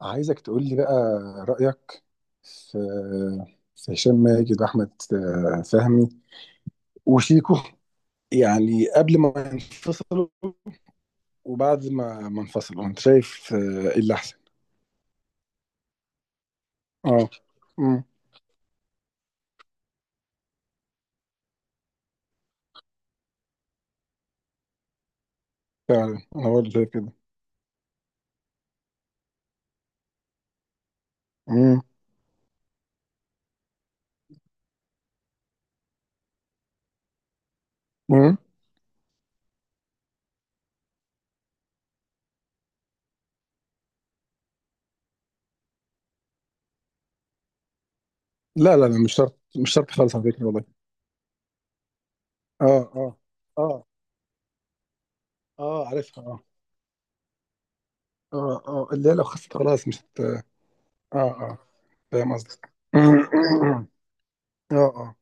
عايزك تقول لي بقى رأيك في في هشام ماجد واحمد فهمي وشيكو، يعني قبل ما ينفصلوا وبعد ما انفصلوا. انت شايف ايه اللي احسن؟ اه. امم. فعلا انا برضه شايف كده. امم. امم. لا لا لا، مش شرط، مش شرط خالص على فكرة والله. اه اه اه اه. عارفها. اه. اه اه اللي هي لو خسرت خلاص مش اه اه. فاهم قصدك. اه اه.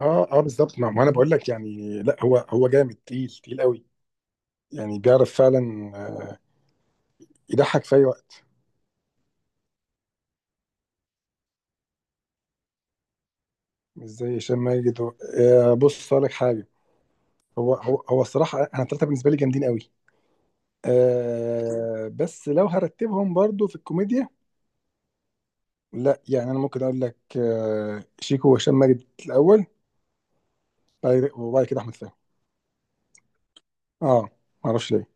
اه اه بالظبط. ما انا بقول لك، يعني لا هو جامد، تقيل قوي، يعني بيعرف فعلا آه، يضحك في اي وقت. مش زي هشام ماجد و... بص اقول لك حاجه. هو الصراحه انا الثلاثه بالنسبه لي جامدين قوي. بس لو هرتبهم برضو في الكوميديا. لا، يعني انا ممكن اقول لك شيكو وهشام ماجد الاول، وبعد كده احمد فهمي. اه، ما اعرفش ليه.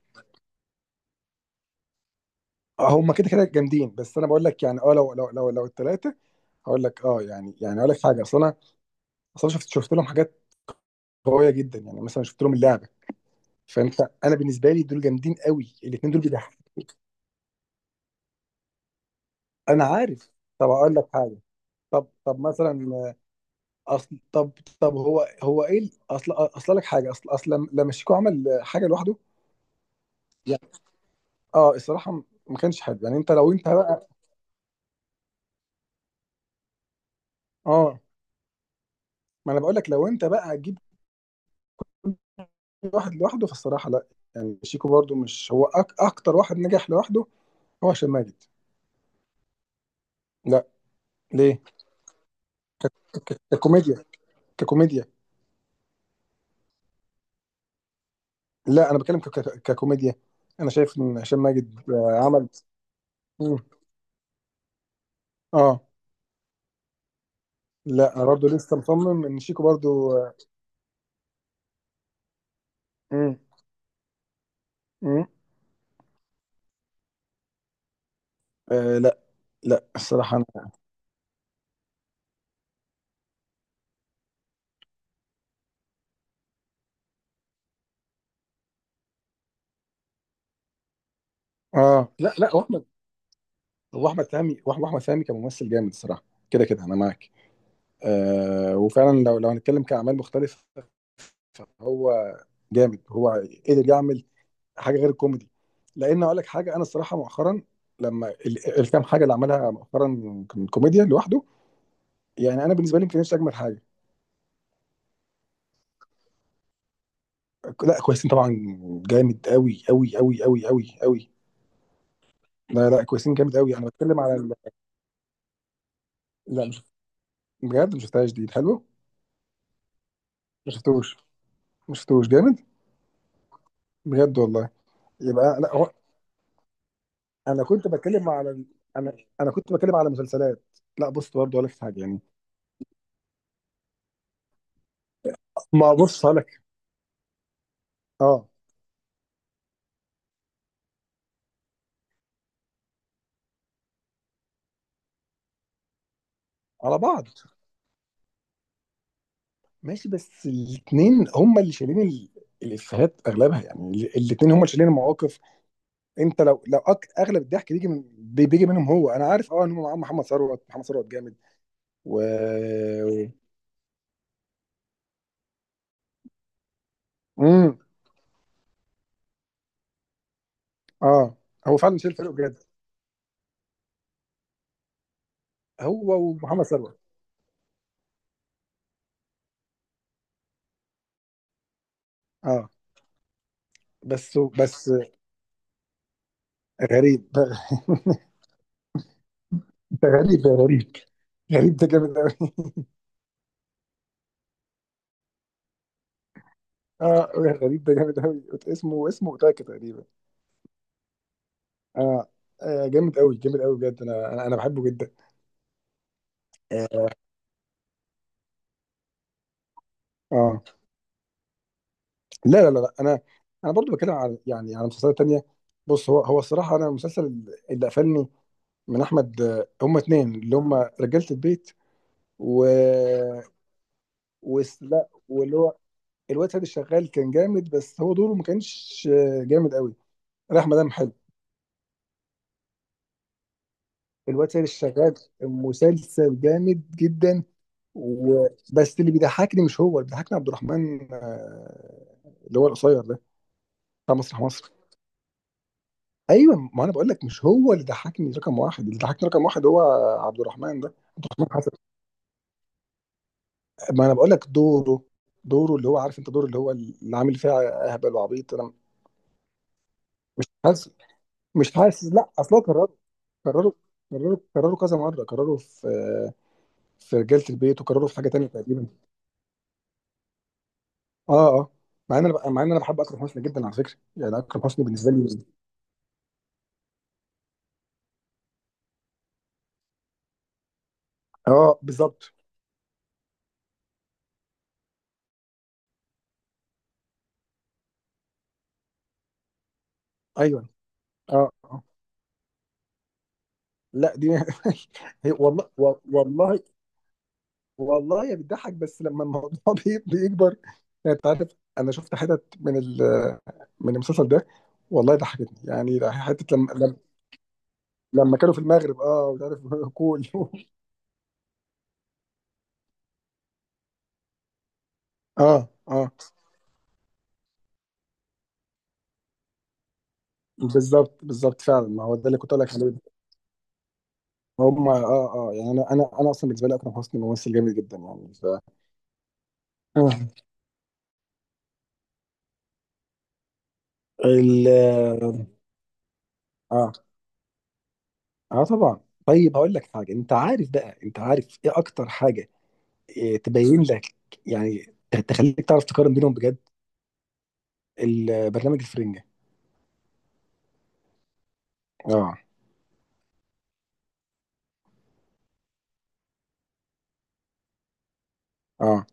هم كده كده جامدين، بس انا بقول لك يعني اه لو الثلاثه. هقول لك اه، يعني اقول لك حاجه. اصل انا، اصل انا شفت لهم حاجات قويه جدا، يعني مثلا شفت لهم اللعبه. فانت، انا بالنسبه لي دول جامدين قوي، الاثنين دول بيضحكوا. انا عارف. طب اقول لك حاجه. طب مثلا اصل. طب، هو ايه اصل، لك حاجه. اصل لما شيكو عمل حاجه لوحده، يعني اه الصراحه ما كانش حلو. يعني انت لو بقى اه، ما انا بقول لك لو انت بقى هتجيب كل واحد لوحده، فالصراحه لا. يعني شيكو برضو مش هو اكتر واحد نجح لوحده، هو هشام ماجد. لا. ليه؟ ك- ككوميديا. ككوميديا. لا انا بتكلم ككوميديا. انا شايف ان هشام ماجد عمل. مم. اه. لا انا برضه لسه مصمم ان شيكو برضه. آه، مم. مم. آه. لا لا الصراحه انا. اه، لا لا واحمد. واحمد فهمي، واحمد فهمي كممثل جامد الصراحه، كده كده انا معاك. آه، وفعلا لو هنتكلم كاعمال مختلفه، هو جامد، هو قدر يعمل حاجه غير الكوميدي. لان اقول لك حاجه، انا الصراحه مؤخرا لما الكام حاجه اللي عملها مؤخرا من كوميديا لوحده، يعني انا بالنسبه لي يمكن نفسي اجمل حاجه. لا كويسين طبعا. جامد قوي قوي قوي قوي قوي قوي. لا لا كويسين، جامد قوي. انا بتكلم على ال... لا مش. بجد ما شفتهاش دي حلو. ما شفتوش. ما شفتوش جامد. بجد والله. يبقى لا هو. انا كنت بتكلم على ال... انا، انا كنت بتكلم على مسلسلات. لا بص، برضه ولا في حاجه يعني. ما بص لك. اه. على بعض. ماشي، بس الاثنين هم اللي شايلين ال... الافيهات اغلبها يعني. الاثنين هم اللي شايلين المواقف. انت لو اغلب الضحك بيجي من بيجي منهم. هو انا عارف اه، ان هم معاهم محمد ثروت. محمد ثروت جامد و. امم. اه، هو فعلا شايل فريقه بجد. هو ومحمد ثروت. اه. بس غريب. انت غريب يا غريب. غريب ده جامد قوي. اه غريب ده جامد قوي. اسمه اوتاكا تقريبا. اه. جامد قوي، جامد قوي بجد. انا بحبه جدا. اه. لا لا لا لا، انا، انا برضو بتكلم عن يعني على مسلسلات تانية. بص، هو الصراحه انا المسلسل اللي قفلني من احمد هما اتنين اللي هما رجاله البيت. و. و لا، واللي هو الواد سيد الشغال كان جامد، بس هو دوره ما كانش جامد قوي. راح مدام حلو. الواد سيد الشغال مسلسل جامد جدا. و... بس اللي بيضحكني مش هو، اللي بيضحكني عبد الرحمن اللي هو القصير ده بتاع مسرح مصر. ايوه، ما انا بقول لك مش هو اللي ضحكني رقم واحد، اللي ضحكني رقم واحد هو عبد الرحمن ده، عبد الرحمن حسن. ما انا بقول لك دوره. دوره اللي هو عارف انت، دوره اللي هو اللي عامل فيها اهبل وعبيط، انا مش حاسس. مش حاسس لا اصلا. كرروا. كرروا. كرروا كذا مره. كرروا في في رجاله البيت، وكرروا في حاجه تانيه تقريبا. اه اه. مع ان انا بحب اكرم حسني جدا على فكره، يعني اكرم حسني بالنسبه لي. اه بالظبط. ايوه. اه اه لا دي. والله والله. والله هي بتضحك، بس لما الموضوع بيكبر. يعني انت عارف. انا شفت حتت من ال، من المسلسل ده. والله ضحكتني، يعني حته لما لما كانوا في المغرب اه ومش عارف. كول. اه اه بالظبط بالظبط فعلا، ما هو ده اللي كنت اقول لك عليه. هم اه اه يعني انا اصلا بالنسبه لي اكرم حسني ممثل جامد جدا يعني ف. آه. ال. اه اه طبعا. طيب هقول لك حاجه، انت عارف بقى، انت عارف ايه اكتر حاجه تبين لك؟ يعني تخليك تعرف تقارن بينهم بجد. البرنامج الفرنجة. اه. اه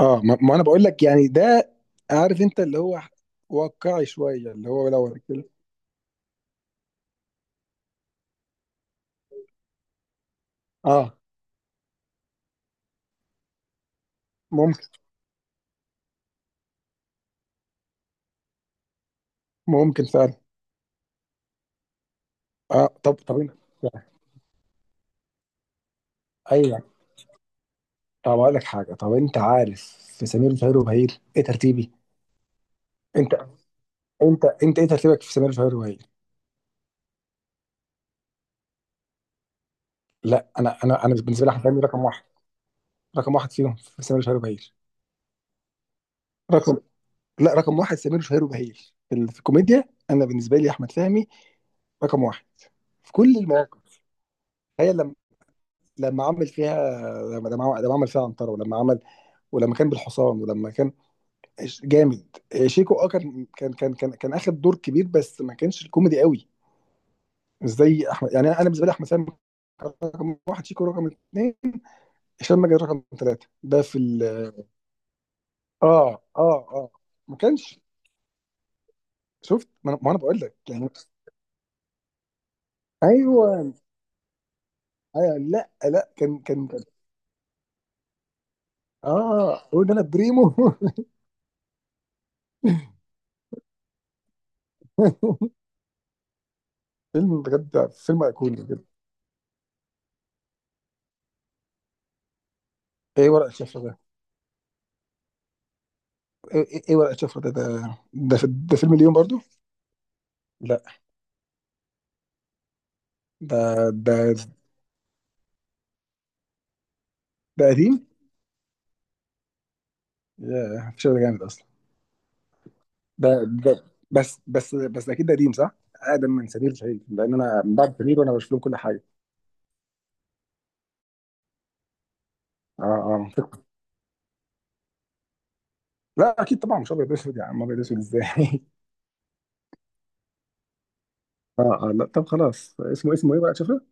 اه ما انا بقول لك يعني ده، عارف انت اللي هو واقعي شوية اللي هو لو اه. ممكن. ممكن فعلا. اه طب انت. ايوه طب اقول لك حاجة. طب انت عارف في سمير وشهير وبهير ايه ترتيبي؟ انت انت ايه ترتيبك في سمير وشهير وبهير؟ لا، انا بالنسبة لي حمداني رقم واحد. رقم واحد فيهم في سمير وشهير وبهير. رقم. لا رقم واحد سمير وشهير وبهير في في الكوميديا. انا بالنسبه لي احمد فهمي رقم واحد في كل المواقف. تخيل لما، لما عمل فيها، لما عمل فيها عنتره، ولما عمل ولما كان بالحصان ولما كان جامد. شيكو اه كان اخد دور كبير، بس ما كانش الكوميدي قوي، مش زي احمد. يعني انا بالنسبه لي احمد فهمي رقم واحد، شيكو رقم اثنين، هشام ماجد رقم ثلاثه ده في ال. اه اه اه ما كانش. شفت، ما انا ما أنا بقول لك يعني. ايوه. ايوه لا لا كان. اه قول ده انا بريمو. فيلم بجد، فيلم ايقوني بجد. ايه ورقه شفره ده؟ ايه، إيه ورقه شفره ده، ده فيلم اليوم برضو؟ لا. ده. ده ده قديم؟ ياه الفيلم ده جامد اصلا. ده ده بس اكيد ده قديم صح؟ اقدم من سمير وشهير، لان انا من بعد سمير وانا بشوف لهم كل حاجه. اه اه منطقي. لا اكيد طبعا مش ابيض اسود. يا عم ابيض اسود ازاي؟ اه اه لا طب خلاص اسمه، ايه بقى؟ شفره.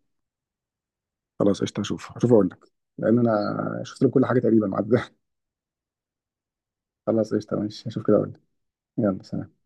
خلاص قشطه، هشوف اقول لك. لان انا شفت لهم كل حاجه تقريبا. خلاص قشطة ماشي، هشوف كده أقول لك. يلا سلام.